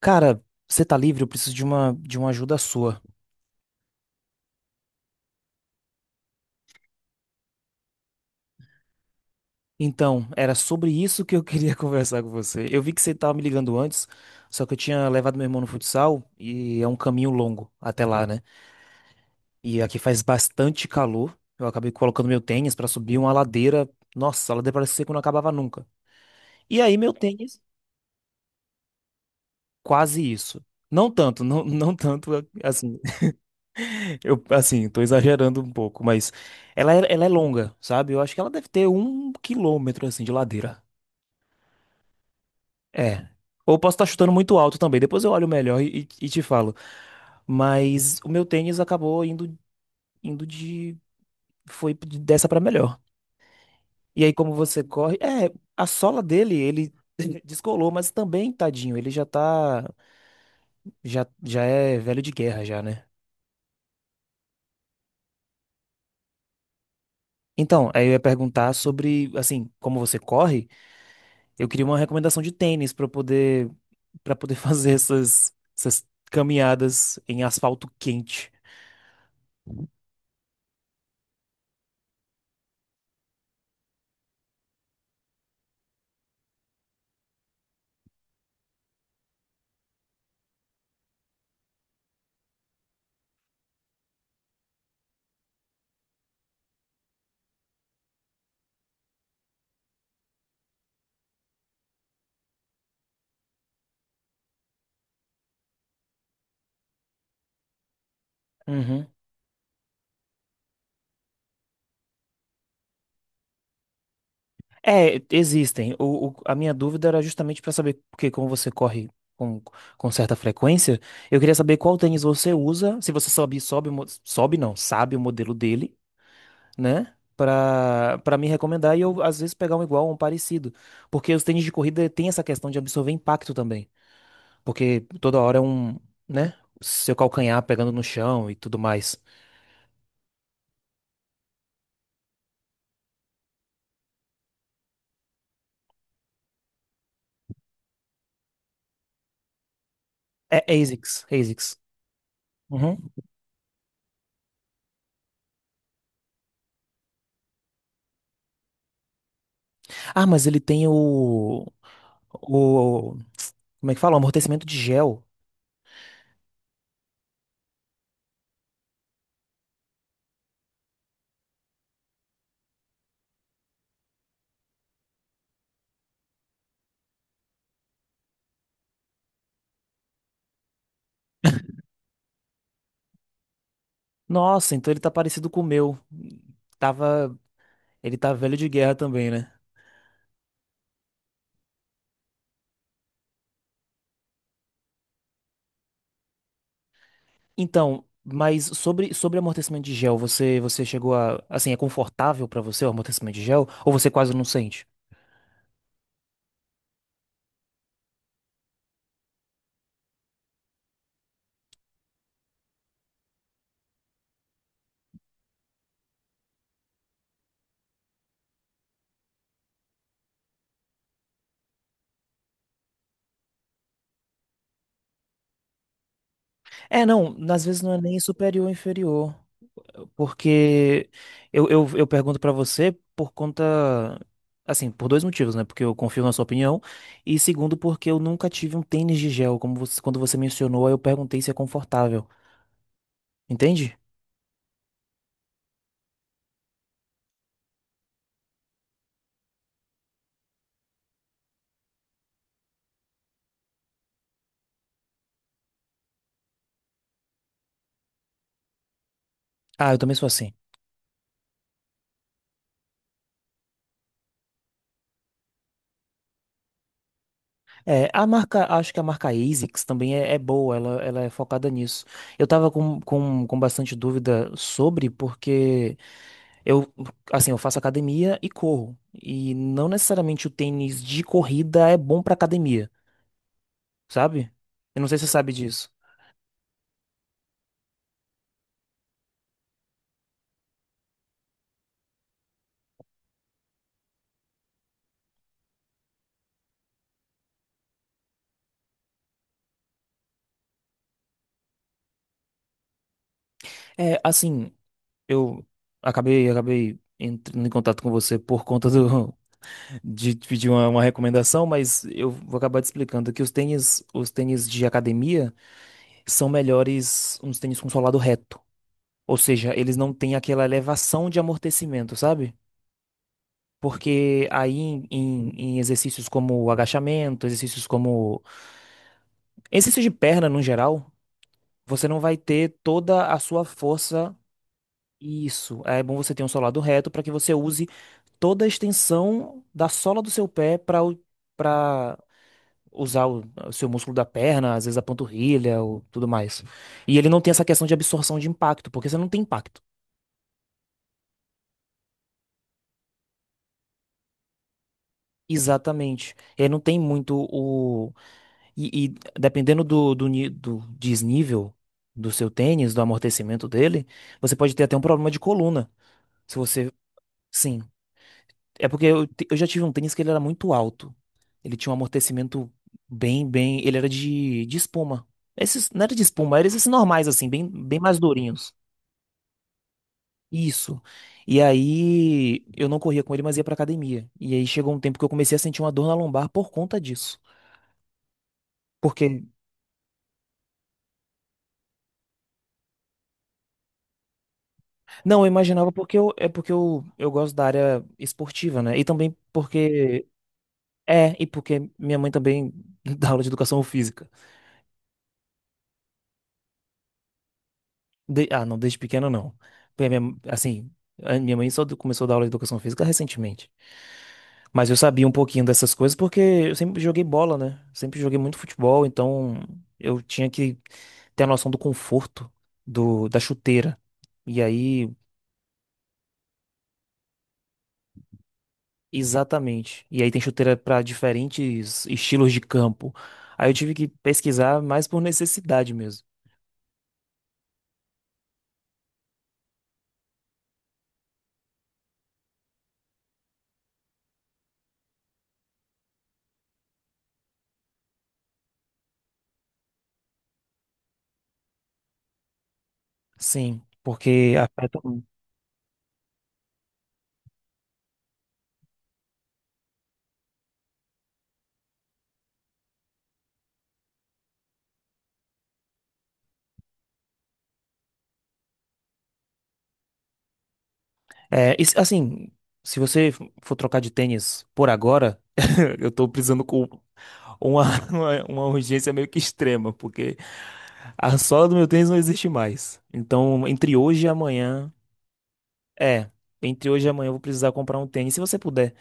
Cara, você tá livre? Eu preciso de uma ajuda sua. Então, era sobre isso que eu queria conversar com você. Eu vi que você tava me ligando antes, só que eu tinha levado meu irmão no futsal e é um caminho longo até lá, né? E aqui faz bastante calor. Eu acabei colocando meu tênis pra subir uma ladeira. Nossa, a ladeira parece ser que não acabava nunca. E aí meu tênis, quase isso. Não tanto, não, não tanto assim. Eu assim, tô exagerando um pouco, mas ela é longa, sabe? Eu acho que ela deve ter um quilômetro assim de ladeira. É. Ou posso estar chutando muito alto também. Depois eu olho melhor e te falo. Mas o meu tênis acabou indo, indo de. Foi de- dessa pra melhor. E aí, como você corre. É, a sola dele, ele descolou, mas também, tadinho, ele já tá. Já é velho de guerra, já, né? Então, aí eu ia perguntar sobre, assim, como você corre, eu queria uma recomendação de tênis pra eu poder, para poder fazer essas, essas caminhadas em asfalto quente. Uhum. É, existem. O- a minha dúvida era justamente para saber, porque como você corre com, com certa frequência, eu queria saber qual tênis você usa, se você sobe, sobe, o mo- sobe não, sabe o modelo dele, né? Para me recomendar e eu às vezes pegar um igual ou um parecido. Porque os tênis de corrida tem essa questão de absorver impacto também, porque toda hora é um, né, seu calcanhar pegando no chão e tudo mais. É ASICS, ASICS. Uhum. Ah, mas ele tem o. O, como é que fala? O amortecimento de gel. Nossa, então ele tá parecido com o meu. Tava, ele tá velho de guerra também, né? Então, mas sobre amortecimento de gel, você chegou a, assim, é confortável pra você o amortecimento de gel? Ou você quase não sente? É, não, às vezes não é nem superior ou inferior. Porque eu pergunto pra você por conta. Assim, por dois motivos, né? Porque eu confio na sua opinião. E segundo, porque eu nunca tive um tênis de gel. Como você, quando você mencionou, aí eu perguntei se é confortável. Entende? Ah, eu também sou assim. É, a marca, acho que a marca ASICS também é boa, ela é focada nisso. Eu tava com bastante dúvida sobre, porque eu, assim, eu faço academia e corro. E não necessariamente o tênis de corrida é bom pra academia. Sabe? Eu não sei se você sabe disso. É, assim, eu acabei entrando em contato com você por conta do, de te pedir uma recomendação, mas eu vou acabar te explicando que os tênis de academia são melhores uns tênis com solado reto. Ou seja, eles não têm aquela elevação de amortecimento, sabe? Porque aí em exercícios como agachamento, exercícios como exercício de perna no geral, você não vai ter toda a sua força. Isso. É bom você ter um solado reto para que você use toda a extensão da sola do seu pé para usar o seu músculo da perna, às vezes a panturrilha ou tudo mais. E ele não tem essa questão de absorção de impacto, porque você não tem impacto. Exatamente. Ele não tem muito o. E dependendo do desnível do seu tênis, do amortecimento dele, você pode ter até um problema de coluna. Se você. Sim. É porque eu já tive um tênis que ele era muito alto. Ele tinha um amortecimento bem, bem. Ele era de espuma. Esses, não era de espuma, eram esses normais, assim, bem, bem mais durinhos. Isso. E aí eu não corria com ele, mas ia pra academia. E aí chegou um tempo que eu comecei a sentir uma dor na lombar por conta disso. Porque. Não, eu imaginava porque eu, é porque eu gosto da área esportiva, né? E também porque. É, e porque minha mãe também dá aula de educação física. De- Ah, não, desde pequeno não. Porque a minha- Assim, a minha mãe só começou a dar aula de educação física recentemente. Mas eu sabia um pouquinho dessas coisas porque eu sempre joguei bola, né? Sempre joguei muito futebol, então eu tinha que ter a noção do conforto do, da chuteira. E aí, exatamente. E aí tem chuteira para diferentes estilos de campo. Aí eu tive que pesquisar mais por necessidade mesmo. Sim, porque afeta. É, e se- assim, se você for trocar de tênis por agora, eu tô precisando com uma, uma urgência meio que extrema, porque a sola do meu tênis não existe mais. Então, entre hoje e amanhã, é, entre hoje e amanhã eu vou precisar comprar um tênis. Se você puder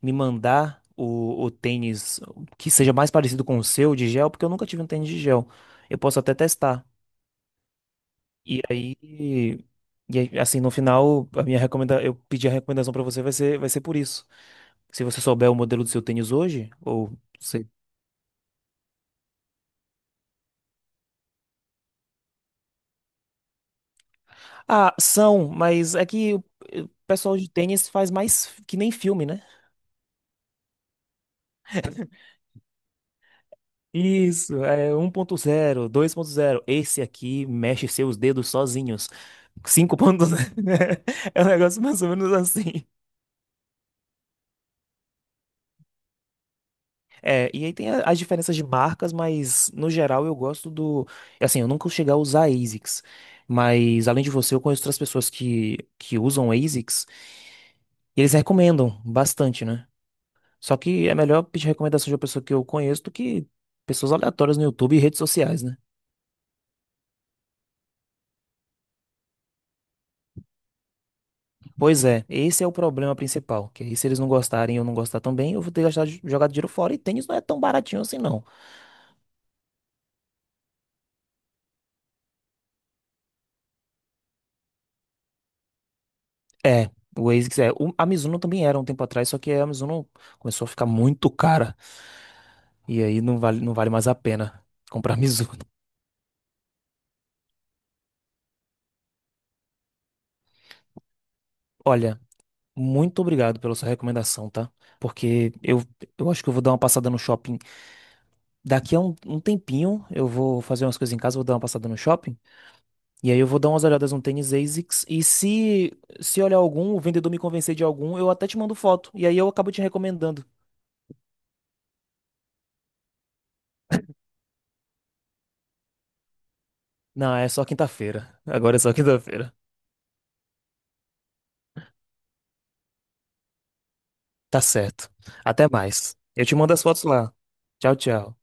me mandar o tênis que seja mais parecido com o seu de gel, porque eu nunca tive um tênis de gel. Eu posso até testar. E aí, e aí, assim, no final, a minha recomenda, eu pedir a recomendação pra você vai ser por isso. Se você souber o modelo do seu tênis hoje, ou sei. Ah, são, mas é que o pessoal de tênis faz mais f- que nem filme, né? Isso, é um ponto zero dois ponto zero. Esse aqui mexe seus dedos sozinhos. 5.0. É um negócio mais ou menos assim. É, e aí tem a- as diferenças de marcas, mas no geral eu gosto do. Assim, eu nunca cheguei a usar ASICS, mas além de você, eu conheço outras pessoas que usam ASICS e eles recomendam bastante, né? Só que é melhor pedir recomendação de uma pessoa que eu conheço do que pessoas aleatórias no YouTube e redes sociais, né? Pois é, esse é o problema principal. Que aí, se eles não gostarem e eu não gostar também, eu vou ter gastado, jogado dinheiro fora. E tênis não é tão baratinho assim, não. É, o ASICS é. O- a Mizuno também era um tempo atrás, só que a Mizuno começou a ficar muito cara. E aí não vale mais a pena comprar a Mizuno. Olha, muito obrigado pela sua recomendação, tá? Porque eu acho que eu vou dar uma passada no shopping. Daqui a um tempinho eu vou fazer umas coisas em casa, vou dar uma passada no shopping. E aí eu vou dar umas olhadas no tênis ASICS. E se olhar algum, o vendedor me convencer de algum, eu até te mando foto. E aí eu acabo te recomendando. Não, é só quinta-feira. Agora é só quinta-feira. Tá certo. Até mais. Eu te mando as fotos lá. Tchau, tchau.